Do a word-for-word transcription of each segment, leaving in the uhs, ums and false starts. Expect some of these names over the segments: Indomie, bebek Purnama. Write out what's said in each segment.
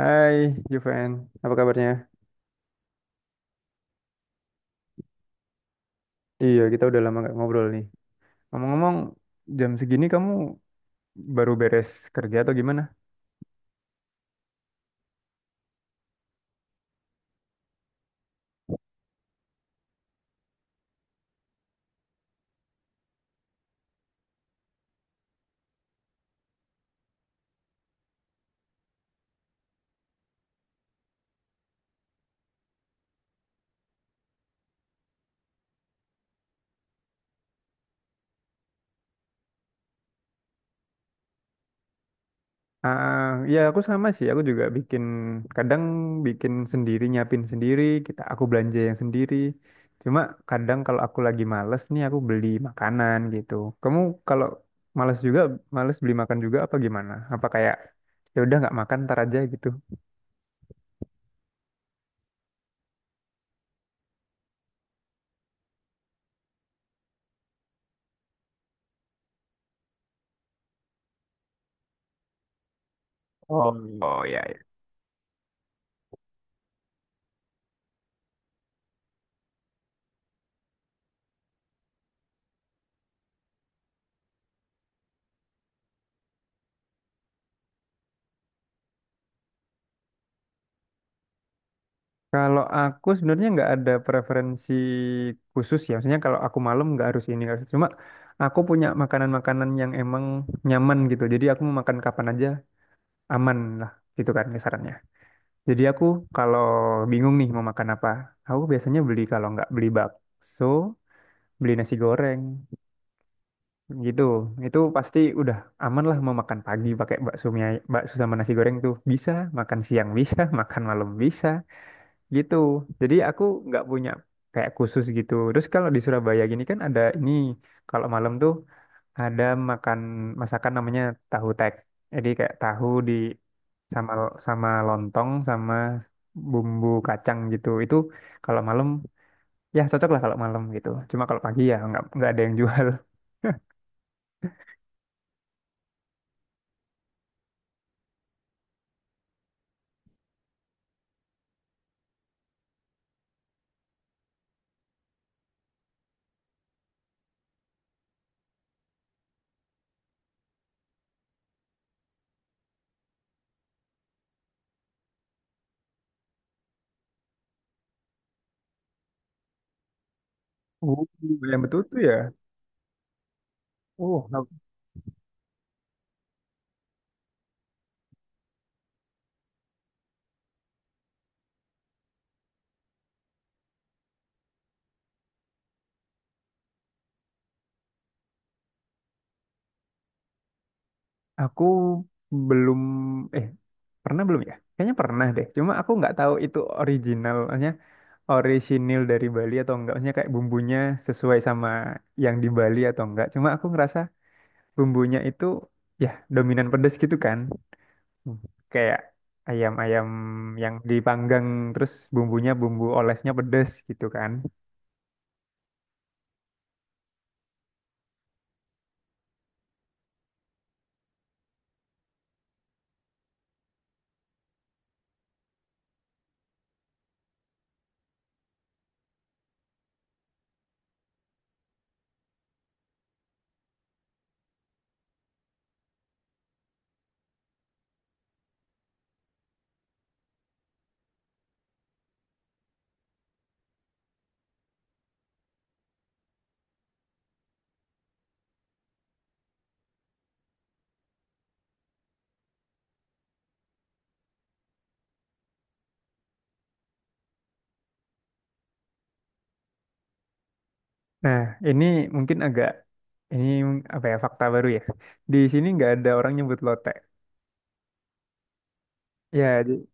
Hai Juven, apa kabarnya? Iya, kita udah lama nggak ngobrol nih. Ngomong-ngomong, jam segini kamu baru beres kerja atau gimana? Ah, ya aku sama sih, aku juga bikin, kadang bikin sendiri, nyiapin sendiri, kita aku belanja yang sendiri. Cuma kadang kalau aku lagi males nih, aku beli makanan gitu. Kamu kalau males juga, males beli makan juga apa gimana? Apa kayak, ya udah nggak makan ntar aja gitu? Oh, oh ya ya. Kalau aku sebenarnya nggak ada preferensi khusus ya. Maksudnya kalau aku malam nggak harus ini, nggak harus- cuma aku punya makanan-makanan yang emang nyaman gitu. Jadi aku mau makan kapan aja aman lah. Gitu kan ya sarannya. Jadi aku kalau bingung nih mau makan apa, aku biasanya beli kalau nggak beli bakso, beli nasi goreng gitu. Itu pasti udah aman lah. Mau makan pagi pakai bakso, bakso sama nasi goreng tuh bisa, makan siang bisa, makan malam bisa gitu. Jadi aku nggak punya kayak khusus gitu. Terus kalau di Surabaya gini kan ada ini, kalau malam tuh ada makan masakan namanya tahu tek. Jadi kayak tahu di sama sama lontong sama bumbu kacang gitu. Itu kalau malam ya cocok lah kalau malam gitu, cuma kalau pagi ya nggak nggak ada yang jual. Oh, yang betul tuh ya. Oh, nah, aku belum eh pernah belum ya? Kayaknya pernah deh. Cuma aku nggak tahu itu originalnya orisinil dari Bali atau enggak, maksudnya kayak bumbunya sesuai sama yang di Bali atau enggak. Cuma aku ngerasa bumbunya itu ya dominan pedes gitu kan. Hmm. Kayak ayam-ayam yang dipanggang terus bumbunya bumbu olesnya pedes gitu kan. Nah, ini mungkin agak ini, apa ya, fakta baru ya, di sini nggak ada orang nyebut lotek ya. di-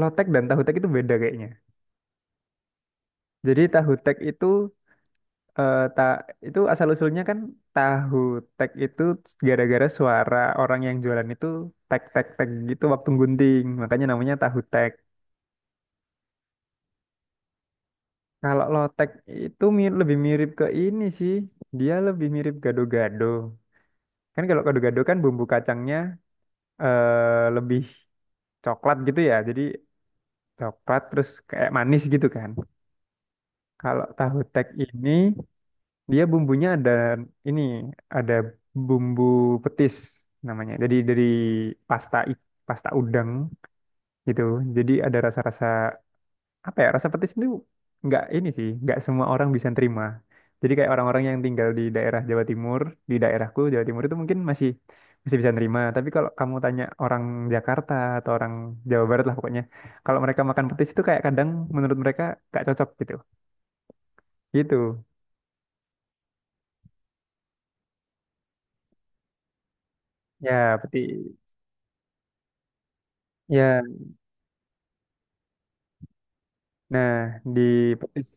Lotek dan tahu tek itu beda kayaknya. Jadi tahu tek itu, eh ta itu asal usulnya kan, tahu tek itu gara-gara suara orang yang jualan itu tek tek tek gitu waktu gunting, makanya namanya tahu tek. Kalau lotek itu mi- lebih mirip ke ini sih, dia lebih mirip gado-gado kan. Kalau gado-gado kan bumbu kacangnya eh lebih coklat gitu ya, jadi coklat terus kayak manis gitu kan. Kalau tahu tek ini, dia bumbunya ada ini, ada bumbu petis namanya. Jadi dari pasta i- pasta udang gitu. Jadi ada rasa-rasa, apa ya? Rasa petis itu nggak ini sih, nggak semua orang bisa terima. Jadi kayak orang-orang yang tinggal di daerah Jawa Timur, di daerahku Jawa Timur itu mungkin masih masih bisa nerima. Tapi kalau kamu tanya orang Jakarta atau orang Jawa Barat lah pokoknya, kalau mereka makan petis itu kayak kadang menurut mereka nggak cocok gitu. Gitu. Ya, petis. Ya. Nah, di petis,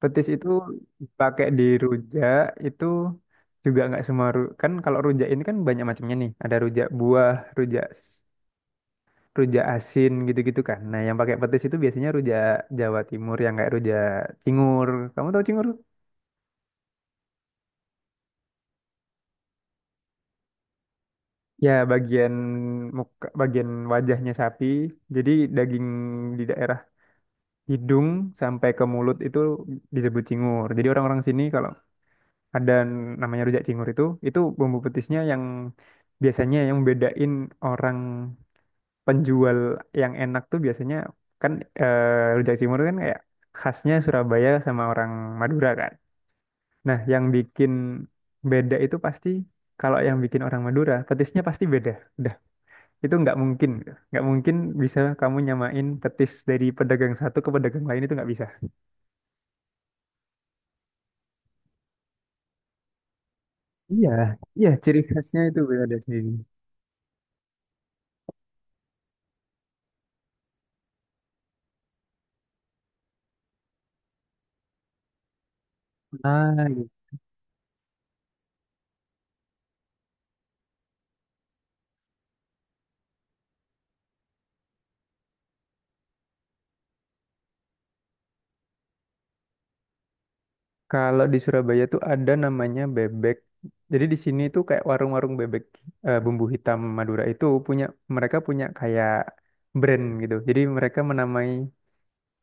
petis itu pakai di rujak itu juga nggak semua ru- kan. Kalau rujak ini kan banyak macamnya nih. Ada rujak buah, rujak s- rujak asin gitu-gitu kan. Nah, yang pakai petis itu biasanya rujak Jawa Timur yang kayak rujak cingur. Kamu tahu cingur? Ya, bagian muka, bagian wajahnya sapi. Jadi daging di daerah hidung sampai ke mulut itu disebut cingur. Jadi orang-orang sini kalau ada namanya rujak cingur itu itu bumbu petisnya yang biasanya yang bedain orang penjual yang enak tuh biasanya kan. Eh, rujak cingur kan kayak khasnya Surabaya sama orang Madura kan. Nah, yang bikin beda itu pasti kalau yang bikin orang Madura, petisnya pasti beda udah. Itu nggak mungkin, nggak mungkin bisa kamu nyamain petis dari pedagang satu ke pedagang lain, itu nggak bisa. Iya, iya, ciri khasnya, khasnya itu beda sendiri. Nah, kalau di Surabaya tuh ada namanya bebek. Jadi di sini tuh kayak warung-warung bebek eh, bumbu hitam Madura itu punya, mereka punya kayak brand gitu. Jadi mereka menamai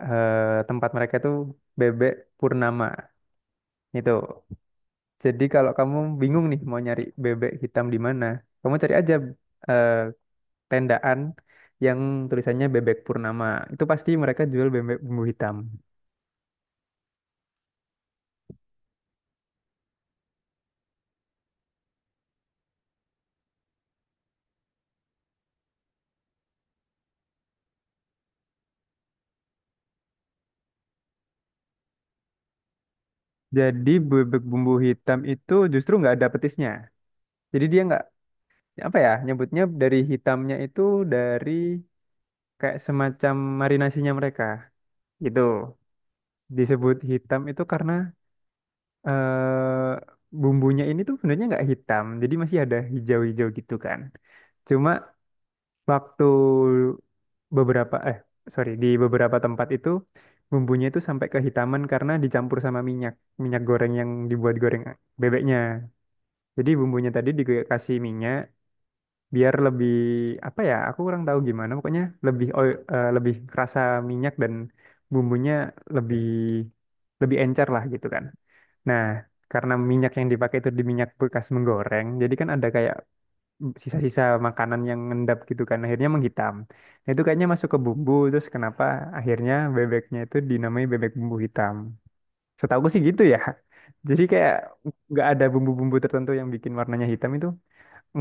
eh, tempat mereka tuh bebek Purnama gitu. Jadi kalau kamu bingung nih mau nyari bebek hitam di mana, kamu cari aja eh, tendaan yang tulisannya bebek Purnama. Itu pasti mereka jual bebek bumbu hitam. Jadi bebek bumbu hitam itu justru nggak ada petisnya. Jadi dia nggak, apa ya nyebutnya, dari hitamnya itu dari kayak semacam marinasinya mereka gitu. Disebut hitam itu karena eh bumbunya ini tuh sebenarnya nggak hitam, jadi masih ada hijau-hijau gitu kan. Cuma waktu beberapa, eh sorry, di beberapa tempat itu bumbunya itu sampai kehitaman karena dicampur sama minyak, minyak goreng yang dibuat goreng bebeknya. Jadi bumbunya tadi dikasih minyak biar lebih, apa ya, aku kurang tahu gimana pokoknya lebih oil- eh, lebih kerasa minyak, dan bumbunya lebih lebih encer lah gitu kan. Nah, karena minyak yang dipakai itu di minyak bekas menggoreng, jadi kan ada kayak sisa-sisa makanan yang ngendap gitu kan, akhirnya menghitam. Nah, itu kayaknya masuk ke bumbu, terus kenapa akhirnya bebeknya itu dinamai bebek bumbu hitam. Setahuku sih gitu ya. Jadi kayak nggak ada bumbu-bumbu tertentu yang bikin warnanya hitam itu,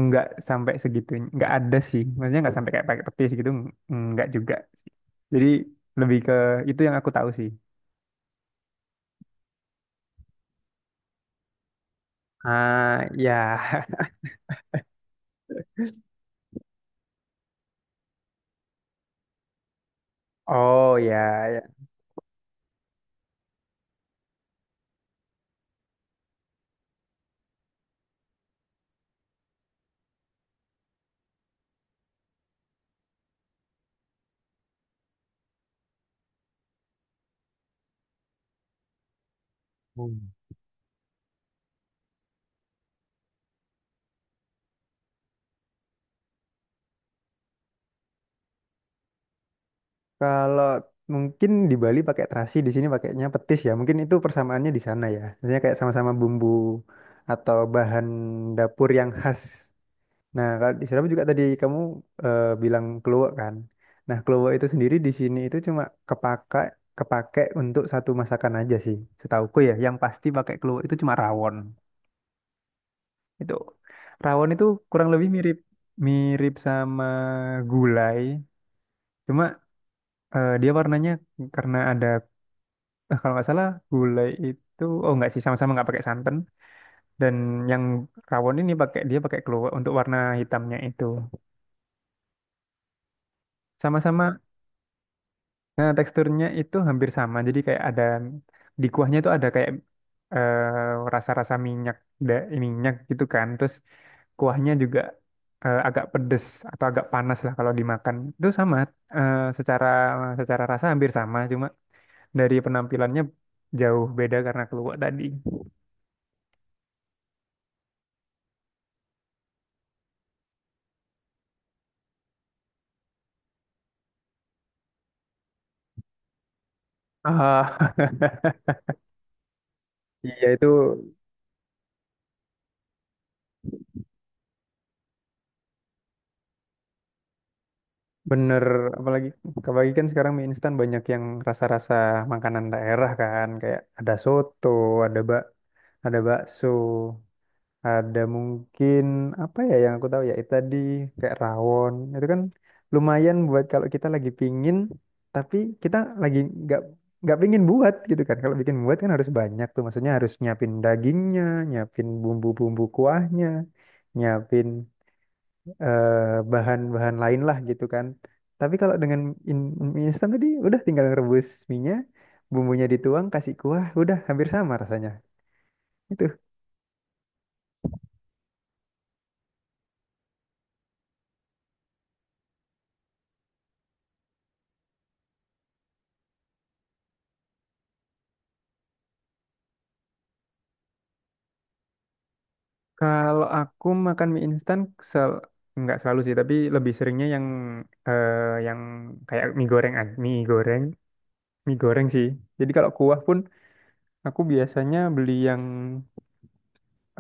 nggak sampai segitu, nggak ada sih, maksudnya nggak sampai kayak pakai petis gitu, nggak juga sih. Jadi lebih ke itu yang aku tahu sih. Ah, ya. Oh ya ya. Hmm. Kalau mungkin di Bali pakai terasi, di sini pakainya petis ya, mungkin itu persamaannya di sana ya, maksudnya kayak sama-sama bumbu atau bahan dapur yang khas. Nah, kalau di Surabaya juga tadi kamu eh, bilang keluak kan. Nah, keluak itu sendiri di sini itu cuma kepakai kepake untuk satu masakan aja sih. Setauku ya, yang pasti pakai keluak itu cuma rawon. Itu rawon itu kurang lebih mirip, mirip sama gulai, cuma eh, dia warnanya karena ada, eh, kalau nggak salah gulai itu, oh nggak sih, sama-sama nggak pakai santan. Dan yang rawon ini pakai dia pakai keluak untuk warna hitamnya itu. Sama-sama. Nah, teksturnya itu hampir sama. Jadi kayak ada di kuahnya itu ada kayak eh, rasa-rasa minyak, da, eh, minyak gitu kan. Terus kuahnya juga eh, agak pedes atau agak panas lah kalau dimakan. Itu sama eh, secara secara rasa hampir sama, cuma dari penampilannya jauh beda karena keluak tadi. Ah. Iya itu. Bener, apalagi apalagi kan sekarang mie instan banyak yang rasa-rasa makanan daerah kan, kayak ada soto, ada bak, ada bakso, ada mungkin, apa ya yang aku tahu ya itu tadi kayak rawon. Itu kan lumayan buat kalau kita lagi pingin tapi kita lagi nggak nggak pingin buat gitu kan. Kalau bikin buat kan harus banyak tuh, maksudnya harus nyiapin dagingnya, nyiapin bumbu-bumbu kuahnya, nyiapin eh, bahan-bahan lain lah gitu kan. Tapi kalau dengan in- mie instan tadi udah tinggal ngerebus minyak, bumbunya dituang, kasih kuah, udah hampir sama rasanya. Itu. Kalau aku makan mie instan, sel nggak selalu sih, tapi lebih seringnya yang eh, yang kayak mie goreng, ah, mie goreng, mie goreng sih. Jadi kalau kuah pun aku biasanya beli yang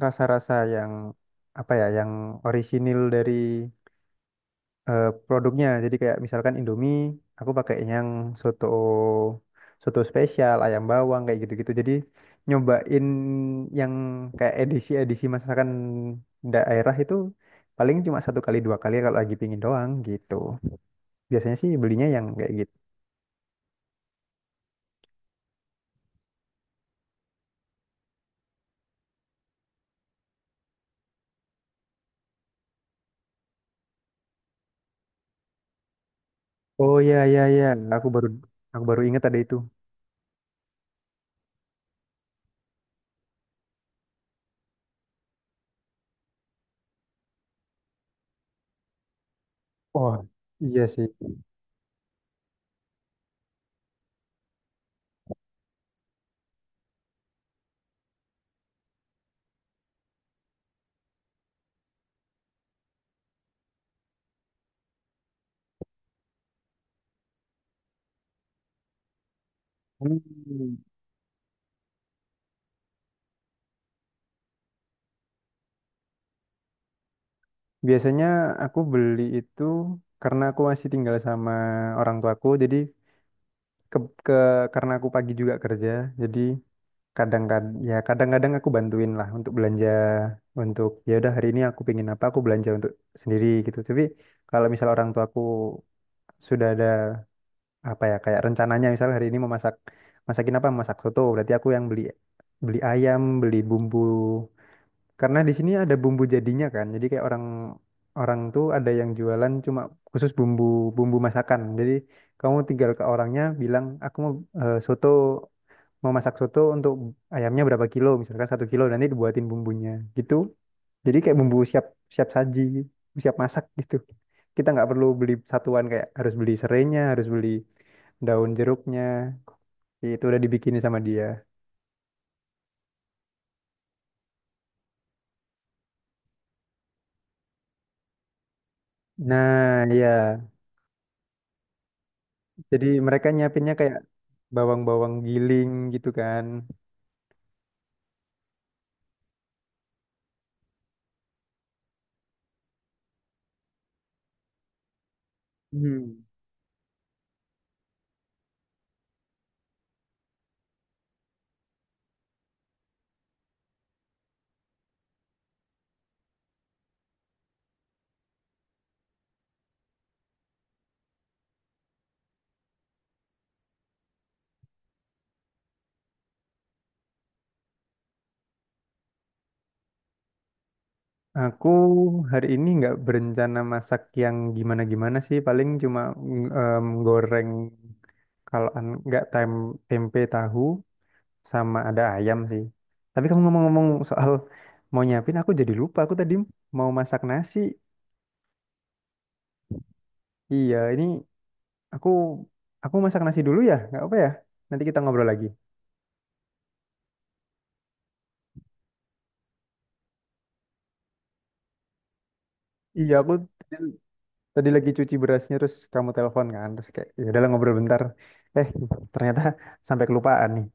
rasa-rasa yang, apa ya, yang orisinil dari eh, produknya. Jadi kayak misalkan Indomie, aku pakai yang soto, soto spesial, ayam bawang kayak gitu-gitu. Jadi nyobain yang kayak edisi-edisi masakan daerah itu paling cuma satu kali dua kali kalau lagi pingin doang gitu. Biasanya sih belinya yang kayak gitu. Oh ya ya ya, aku baru aku baru ingat ada itu. Oh iya sih. Hmm. Biasanya aku beli itu karena aku masih tinggal sama orang tuaku, jadi ke, ke karena aku pagi juga kerja, jadi kadang-kadang ya, kadang-kadang aku bantuin lah untuk belanja. Untuk ya udah hari ini aku pengen apa, aku belanja untuk sendiri gitu. Tapi kalau misal orang tua aku sudah ada, apa ya, kayak rencananya misal hari ini mau masak, masakin apa, masak soto, berarti aku yang beli beli ayam, beli bumbu, karena di sini ada bumbu jadinya kan. Jadi kayak orang, orang tuh ada yang jualan cuma khusus bumbu, bumbu masakan. Jadi kamu tinggal ke orangnya bilang aku mau eh, soto, mau masak soto, untuk ayamnya berapa kilo misalkan satu kilo nanti dibuatin bumbunya gitu. Jadi kayak bumbu siap, siap saji, siap masak gitu. Kita nggak perlu beli satuan kayak harus beli serainya, harus beli daun jeruknya. Itu udah dibikinin sama dia. Nah, iya. Jadi mereka nyiapinnya kayak bawang-bawang giling gitu kan. Hmm. Aku hari ini nggak berencana masak yang gimana-gimana sih, paling cuma mm, em, goreng, kalau an- nggak, tem tempe tahu sama ada ayam sih. Tapi kamu ngomong-ngomong soal mau nyiapin, aku jadi lupa. Aku tadi mau masak nasi. Iya, ini, aku aku masak nasi dulu ya, nggak apa ya. Nanti kita ngobrol lagi. Iya, aku tadi lagi cuci berasnya terus kamu telepon kan, terus kayak ya udahlah ngobrol bentar, eh ternyata sampai kelupaan nih.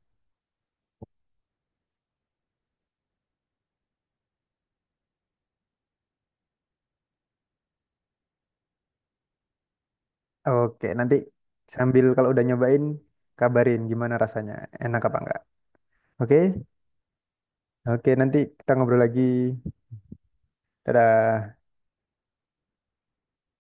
Oke, nanti sambil kalau udah nyobain, kabarin gimana rasanya, enak apa enggak. Oke. Oke, nanti kita ngobrol lagi. Dadah.